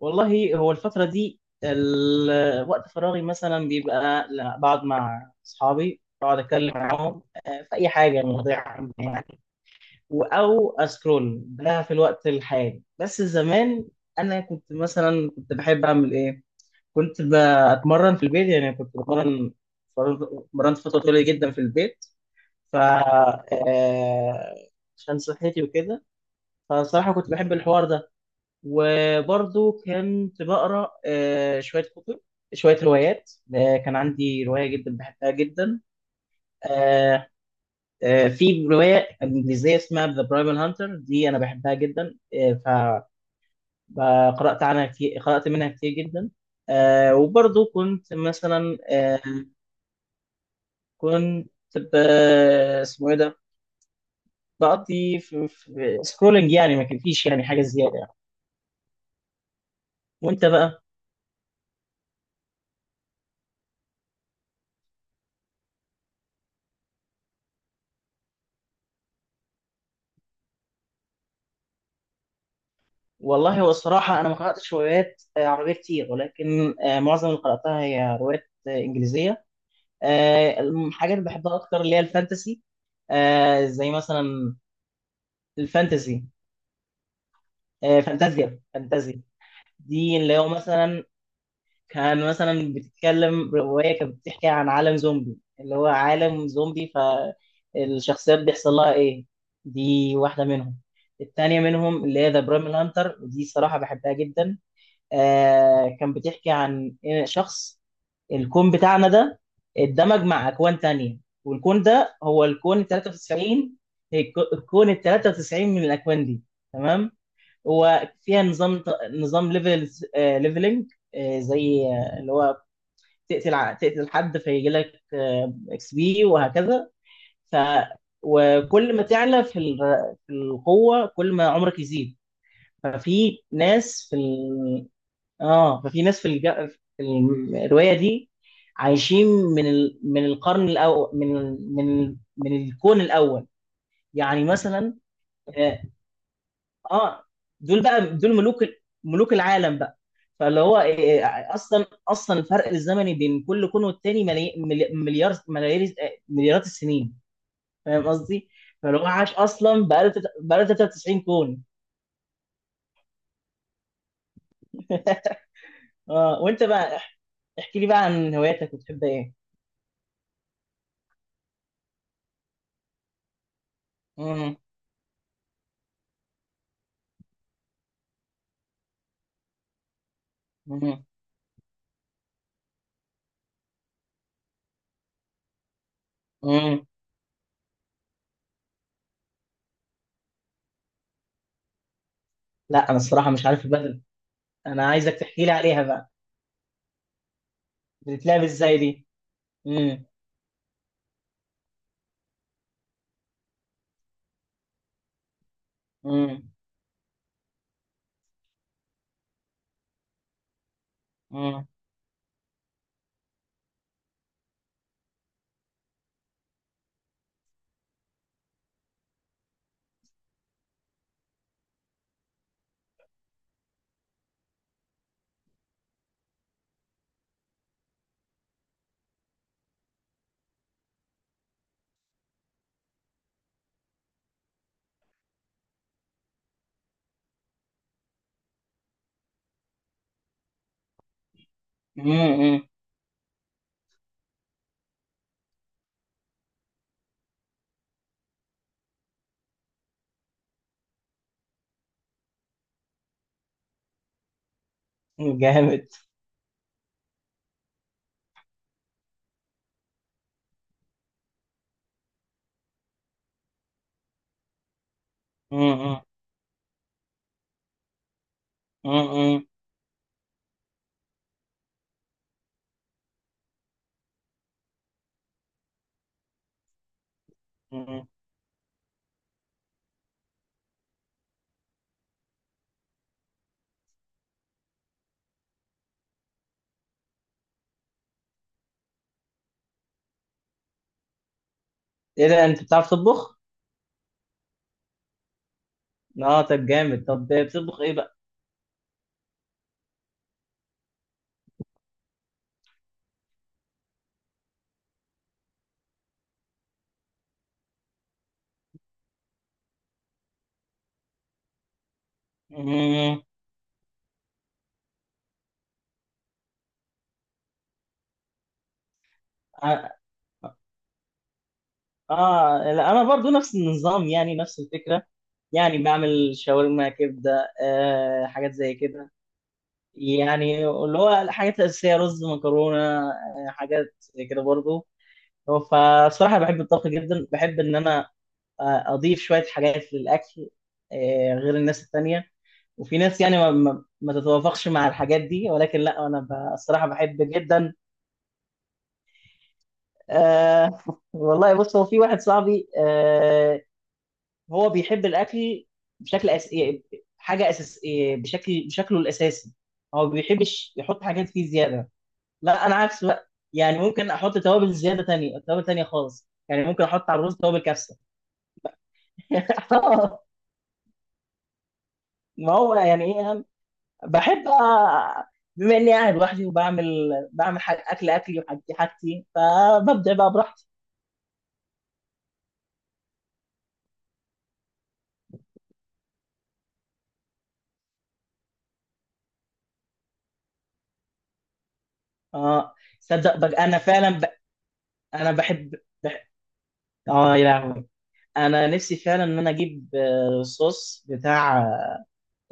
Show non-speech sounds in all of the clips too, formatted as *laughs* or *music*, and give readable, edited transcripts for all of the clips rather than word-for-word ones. والله هو الفترة دي وقت فراغي مثلا بيبقى بقعد مع أصحابي، بقعد أتكلم معاهم في أي حاجة، مواضيع عامة يعني. أو أسكرول ده في الوقت الحالي، بس زمان أنا كنت مثلا كنت بحب أعمل إيه؟ كنت بتمرن في البيت، يعني كنت بتمرن، مرنت فترة طويلة جدا في البيت. ف آه، عشان صحتي وكده، فصراحة كنت بحب الحوار ده. وبرضو كنت بقرا شويه كتب، شويه روايات. كان عندي روايه جدا بحبها جدا. آه، في روايه انجليزيه اسمها ذا برايمال هانتر، دي انا بحبها جدا. آه، فقرات عنها كتير، قرات منها كتير جدا. وبرضو كنت مثلا كنت ب- اسمه ايه ده، بقضي في سكرولنج، يعني ما كان فيش يعني حاجه زياده يعني. وانت بقى؟ والله هو الصراحة أنا ما قرأتش روايات عربية كتير، ولكن معظم اللي قرأتها هي روايات إنجليزية. الحاجات اللي بحبها أكتر اللي هي الفانتسي، زي مثلا الفانتسي، فانتازيا فانتازيا. دي اللي هو مثلا، كان مثلا بتتكلم رواية كانت بتحكي عن عالم زومبي، اللي هو عالم زومبي، فالشخصيات بيحصل لها إيه، دي واحدة منهم. التانية منهم اللي هي ذا بريمال هانتر، ودي صراحة بحبها جدا. كان بتحكي عن إن شخص، الكون بتاعنا ده اتدمج مع أكوان تانية، والكون ده هو الكون ال 93. الكون ال 93 من الأكوان دي، تمام. وفيها نظام، نظام ليفل، ليفلنج، زي اللي هو تقتل حد فيجي لك اكس بي وهكذا. ف وكل ما تعلى في القوة، كل ما عمرك يزيد. ففي ناس في، اه ففي ناس في الروايه دي عايشين من القرن الاول، من الكون الاول. يعني مثلا، اه، آه، دول بقى، دول ملوك ملوك العالم بقى. فاللي هو اصلا الفرق الزمني بين كل كون والتاني مليار، ملايير مليارات السنين. فاهم قصدي؟ فاللي هو عاش اصلا بقاله 93 كون. اه، وانت بقى، احكي لي بقى عن هواياتك وتحب ايه؟ مم. مم. لا انا الصراحه مش عارف البدل. انا عايزك تحكي لي عليها بقى. بتتلعب ازاي دي؟ امم. امم. امم. امم. أمم. جامد. امم. امم. امم. ايه ده، انت بتعرف تطبخ؟ اه، طب جامد، طب بتطبخ ايه بقى؟ امم. اه، لا انا برضو نفس النظام، يعني نفس الفكره، يعني بعمل شاورما كبده، حاجات زي كده، يعني اللي هو الحاجات الاساسيه، رز مكرونه، حاجات زي كده برضو. هو فالصراحة بحب الطبخ جدا، بحب إن أنا أضيف شوية حاجات للأكل غير الناس التانية. وفي ناس يعني ما تتوافقش مع الحاجات دي، ولكن لا أنا الصراحة بحب جدا. أه *laughs* والله بص، هو في واحد صاحبي، أه هو بيحب الأكل يعني حاجة أساس، يعني بشكل بشكله الأساسي، هو ما بيحبش يحط حاجات فيه زيادة. لا أنا عكس بقى، يعني ممكن أحط توابل زيادة، تانية توابل تانية خالص، يعني ممكن أحط على الرز توابل كبسة. *laughs* آه، ما هو يعني ايه يعني، بحب بما اني قاعد لوحدي وبعمل، اكل اكلي وحاجتي، فببدع بقى براحتي. اه، صدق بقى انا فعلا انا بحب... اه يا لهوي، انا نفسي فعلا ان انا اجيب صوص بتاع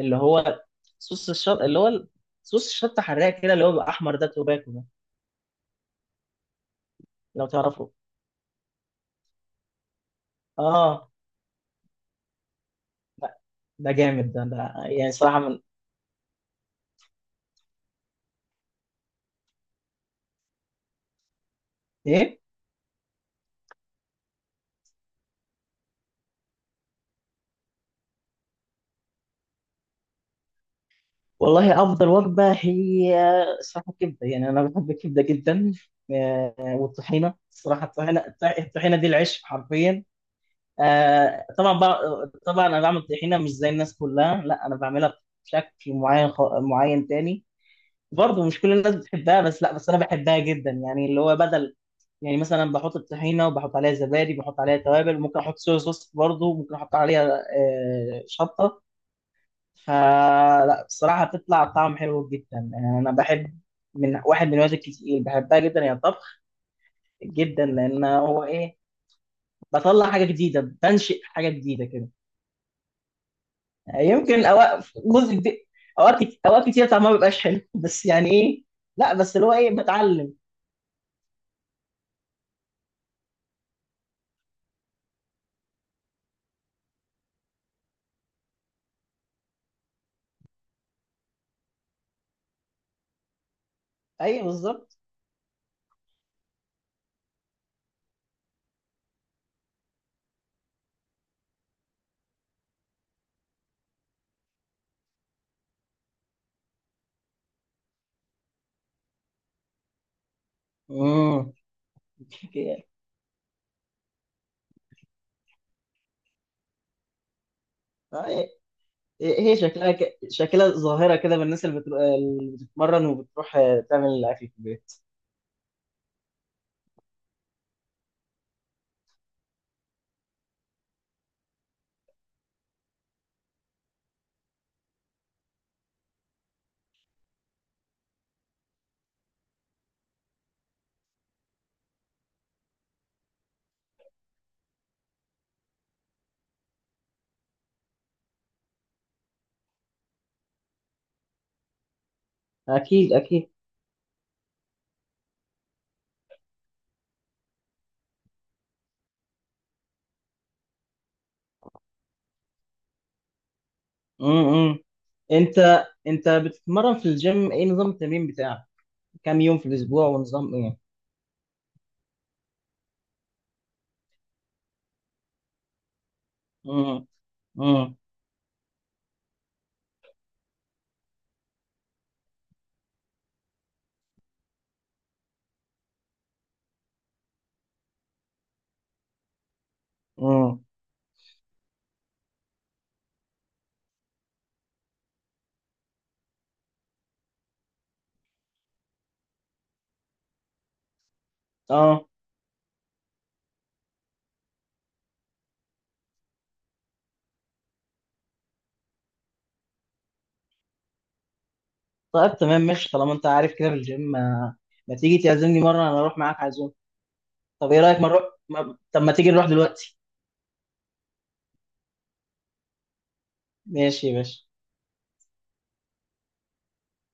اللي هو صوص الشط، اللي هو صوص الشطه حراق كده، اللي هو بيبقى احمر، ده توباكو ده، لو تعرفه. اه، ده ده جامد، ده يعني صراحه من، ايه. والله أفضل وجبة هي، صراحة الكبدة، يعني أنا بحب الكبدة جدا. آه، والطحينة، صراحة الطحينة، الطحينة دي العيش حرفيا. طبعا بقى، طبعا أنا بعمل طحينة مش زي الناس كلها، لا أنا بعملها بشكل معين معين تاني. برضه مش كل الناس بتحبها، بس لا بس أنا بحبها جدا، يعني اللي هو بدل، يعني مثلا بحط الطحينة وبحط عليها زبادي، بحط عليها توابل، ممكن أحط صويا صوص برضه، ممكن أحط عليها شطة. فلا بصراحة بتطلع طعم حلو جدا، يعني أنا بحب، من واحد من الوجبات الكتير بحبها جدا هي الطبخ جدا، لأن هو إيه، بطلع حاجة جديدة، بنشئ حاجة جديدة كده. يمكن أوقات جزء كبير، أوقات كتير طعمها ما بيبقاش حلو *laughs* بس يعني إيه، لا بس اللي هو إيه، بتعلم. أيوه بالظبط. امم. أوكي. هي، هي شكلها شكلها ظاهرة كده بالناس اللي بتتمرن وبتروح تعمل الأكل في البيت. أكيد أكيد. امم. انت بتتمرن في الجيم، ايه نظام التمرين بتاعك، كام يوم في الاسبوع ونظام ايه؟ امم. امم. امم. اه طيب تمام ماشي، طالما انت عارف كده في الجيم، ما تيجي تعزمني مره انا اروح معاك عزوم. طب ايه رايك ما نروح، ما... طب ما تيجي نروح دلوقتي؟ ماشي يا باشا.